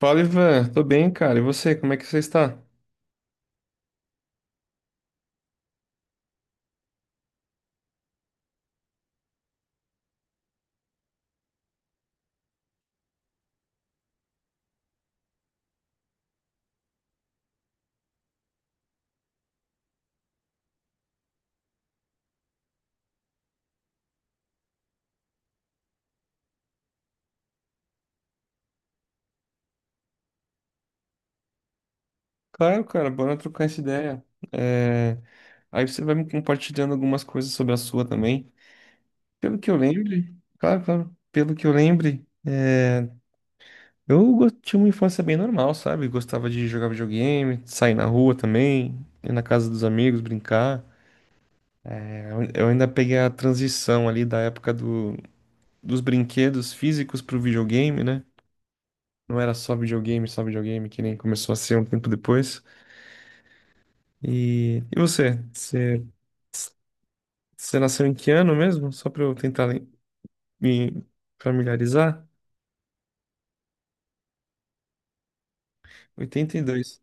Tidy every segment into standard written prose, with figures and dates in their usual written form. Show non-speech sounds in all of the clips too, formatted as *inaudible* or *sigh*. Fala, Ivan. Tô bem, cara. E você, como é que você está? Claro, cara, bora trocar essa ideia. É, Aí você vai me compartilhando algumas coisas sobre a sua também. Pelo que eu lembre, claro, claro. Pelo que eu lembre, é, tinha uma infância bem normal, sabe? Gostava de jogar videogame, sair na rua também, ir na casa dos amigos, brincar. É, Eu eu ainda peguei a transição ali da época dos brinquedos físicos pro videogame, né? Não era só videogame, que nem começou a ser um tempo depois. E você? Você nasceu em que ano mesmo? Só pra eu tentar me familiarizar. 82.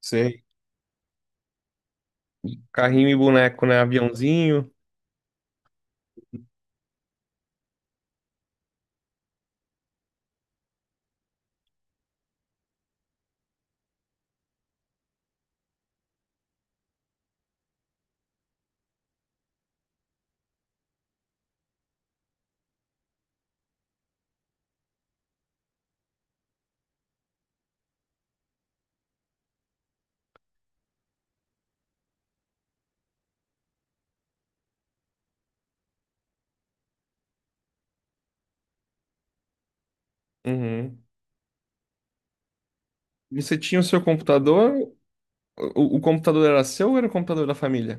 Sei. Carrinho e boneco, né? Aviãozinho. Uhum. E você tinha o seu computador? O computador era seu ou era o computador da família?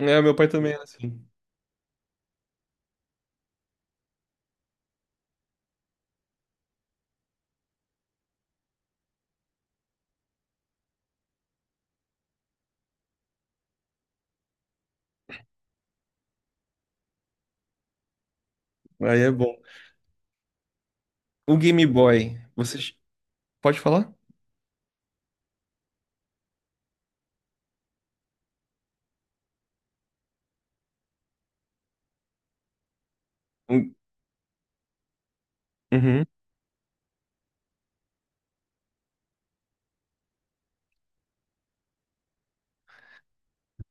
É, meu pai também era assim. Aí é bom. O Game Boy, você pode falar? Um- Uhum.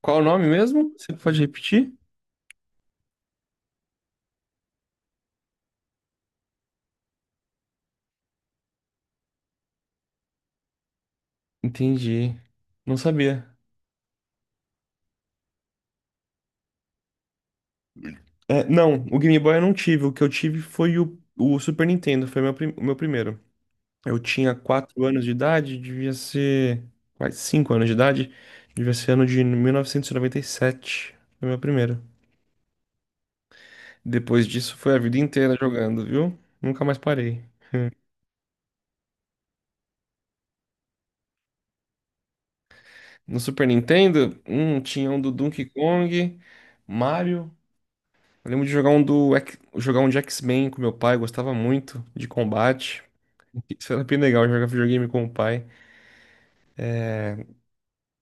Qual o nome mesmo? Você pode repetir? Entendi. Não sabia. É, não, o Game Boy eu não tive. O que eu tive foi o Super Nintendo, foi o meu primeiro. Eu tinha 4 anos de idade, devia ser. Quase 5 anos de idade, devia ser ano de 1997. Foi meu primeiro. Depois disso foi a vida inteira jogando, viu? Nunca mais parei. No Super Nintendo, tinha um do Donkey Kong, Mario. Eu lembro de jogar um de X-Men com meu pai, gostava muito de combate. *laughs* Isso era bem legal jogar videogame com o pai.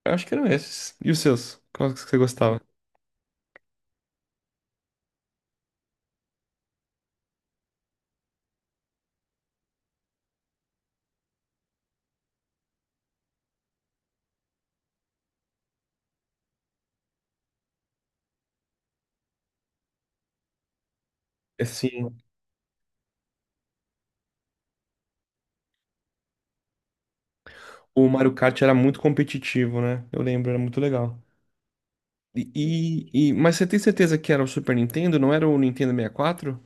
Eu acho que eram esses. E os seus? Quais que você gostava? Assim, o Mario Kart era muito competitivo, né? Eu lembro, era muito legal. E, mas você tem certeza que era o Super Nintendo, não era o Nintendo 64?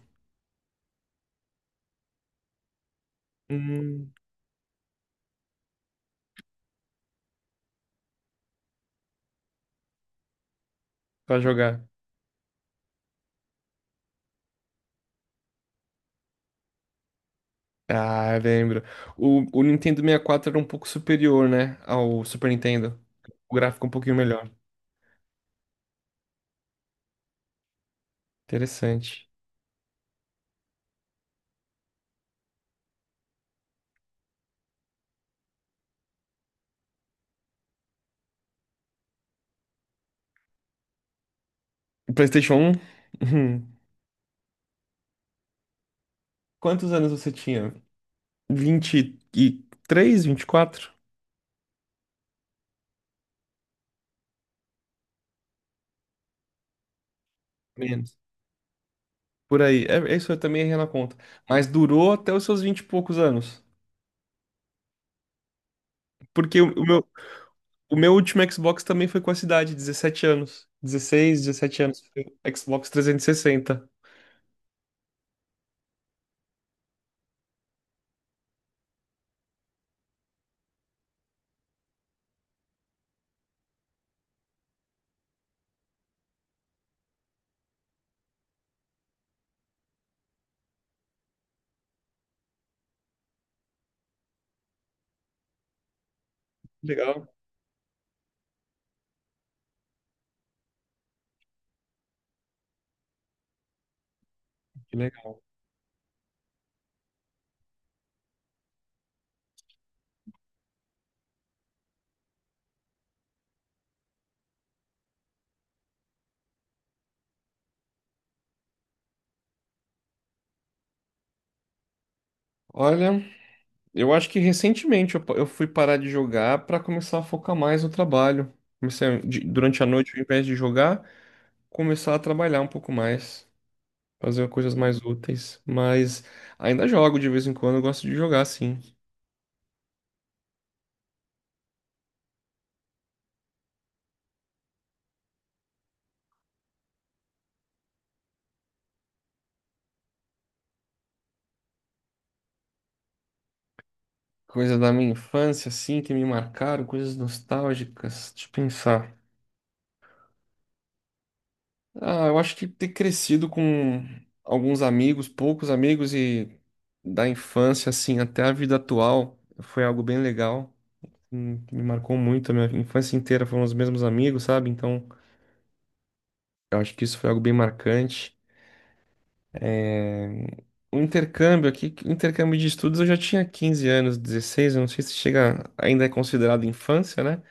Hum, pra jogar. Ah, eu lembro. O Nintendo 64 era um pouco superior, né? Ao Super Nintendo. O gráfico um pouquinho melhor. Interessante. O PlayStation 1. *laughs* Uhum. Quantos anos você tinha? 23, 24? Menos. Por aí. É isso eu também errei na conta. Mas durou até os seus 20 e poucos anos. Porque o meu último Xbox também foi com essa idade, 17 anos. 16, 17 anos. Foi o Xbox 360. Legal, que legal. Olha, eu acho que recentemente eu fui parar de jogar para começar a focar mais no trabalho. Durante a noite, ao invés de jogar, começar a trabalhar um pouco mais, fazer coisas mais úteis. Mas ainda jogo de vez em quando, eu gosto de jogar, sim. Coisas da minha infância, assim, que me marcaram, coisas nostálgicas. Deixa eu pensar. Ah, eu acho que ter crescido com alguns amigos, poucos amigos, e da infância, assim, até a vida atual, foi algo bem legal. Me marcou muito. A minha infância inteira foram os mesmos amigos, sabe? Então, eu acho que isso foi algo bem marcante. O intercâmbio aqui, o intercâmbio de estudos, eu já tinha 15 anos, 16 eu não sei se chega, ainda é considerado infância, né?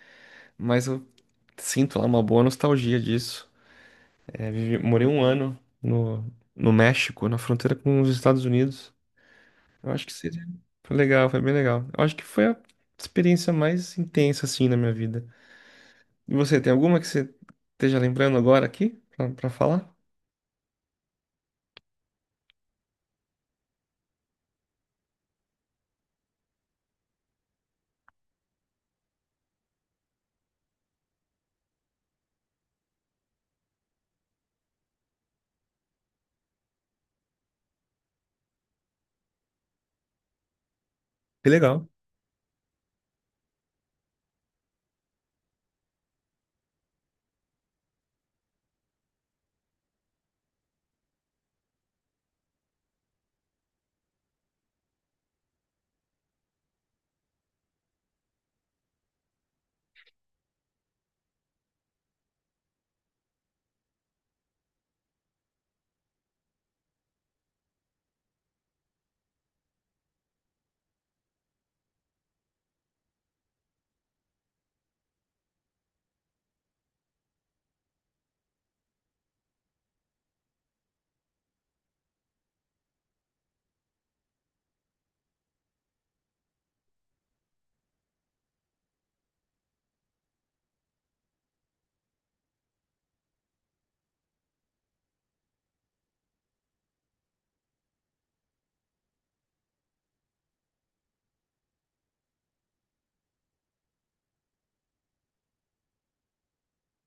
Mas eu sinto lá uma boa nostalgia disso. Morei um ano no México, na fronteira com os Estados Unidos. Eu acho que seria. Foi legal, foi bem legal. Eu acho que foi a experiência mais intensa, assim, na minha vida. E você, tem alguma que você esteja lembrando agora aqui pra falar? Que legal.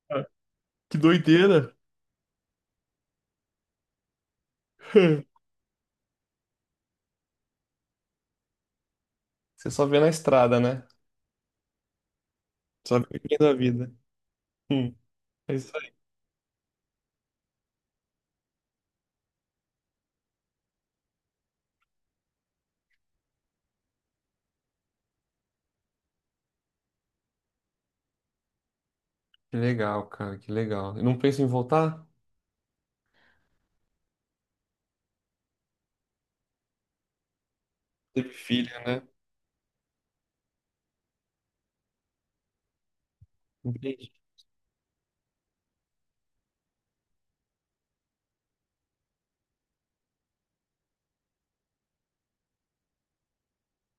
Ah, que doideira. *laughs* Você só vê na estrada, né? Só vê vivendo a vida. Hum, é isso aí. Que legal, cara, que legal. E não pensa em voltar? Teve filho, né? Entendi.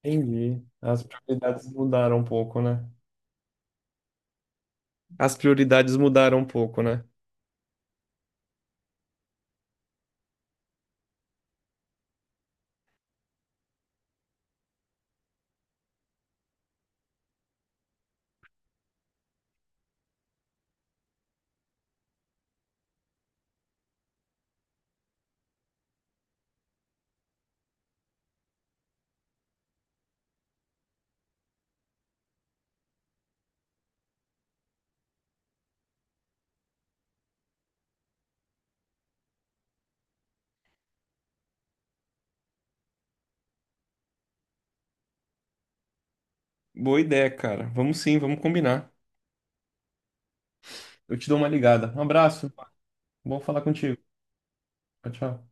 Entendi. As prioridades mudaram um pouco, né? As prioridades mudaram um pouco, né? Boa ideia, cara. Vamos sim, vamos combinar. Eu te dou uma ligada. Um abraço. Bom falar contigo. Tchau, tchau.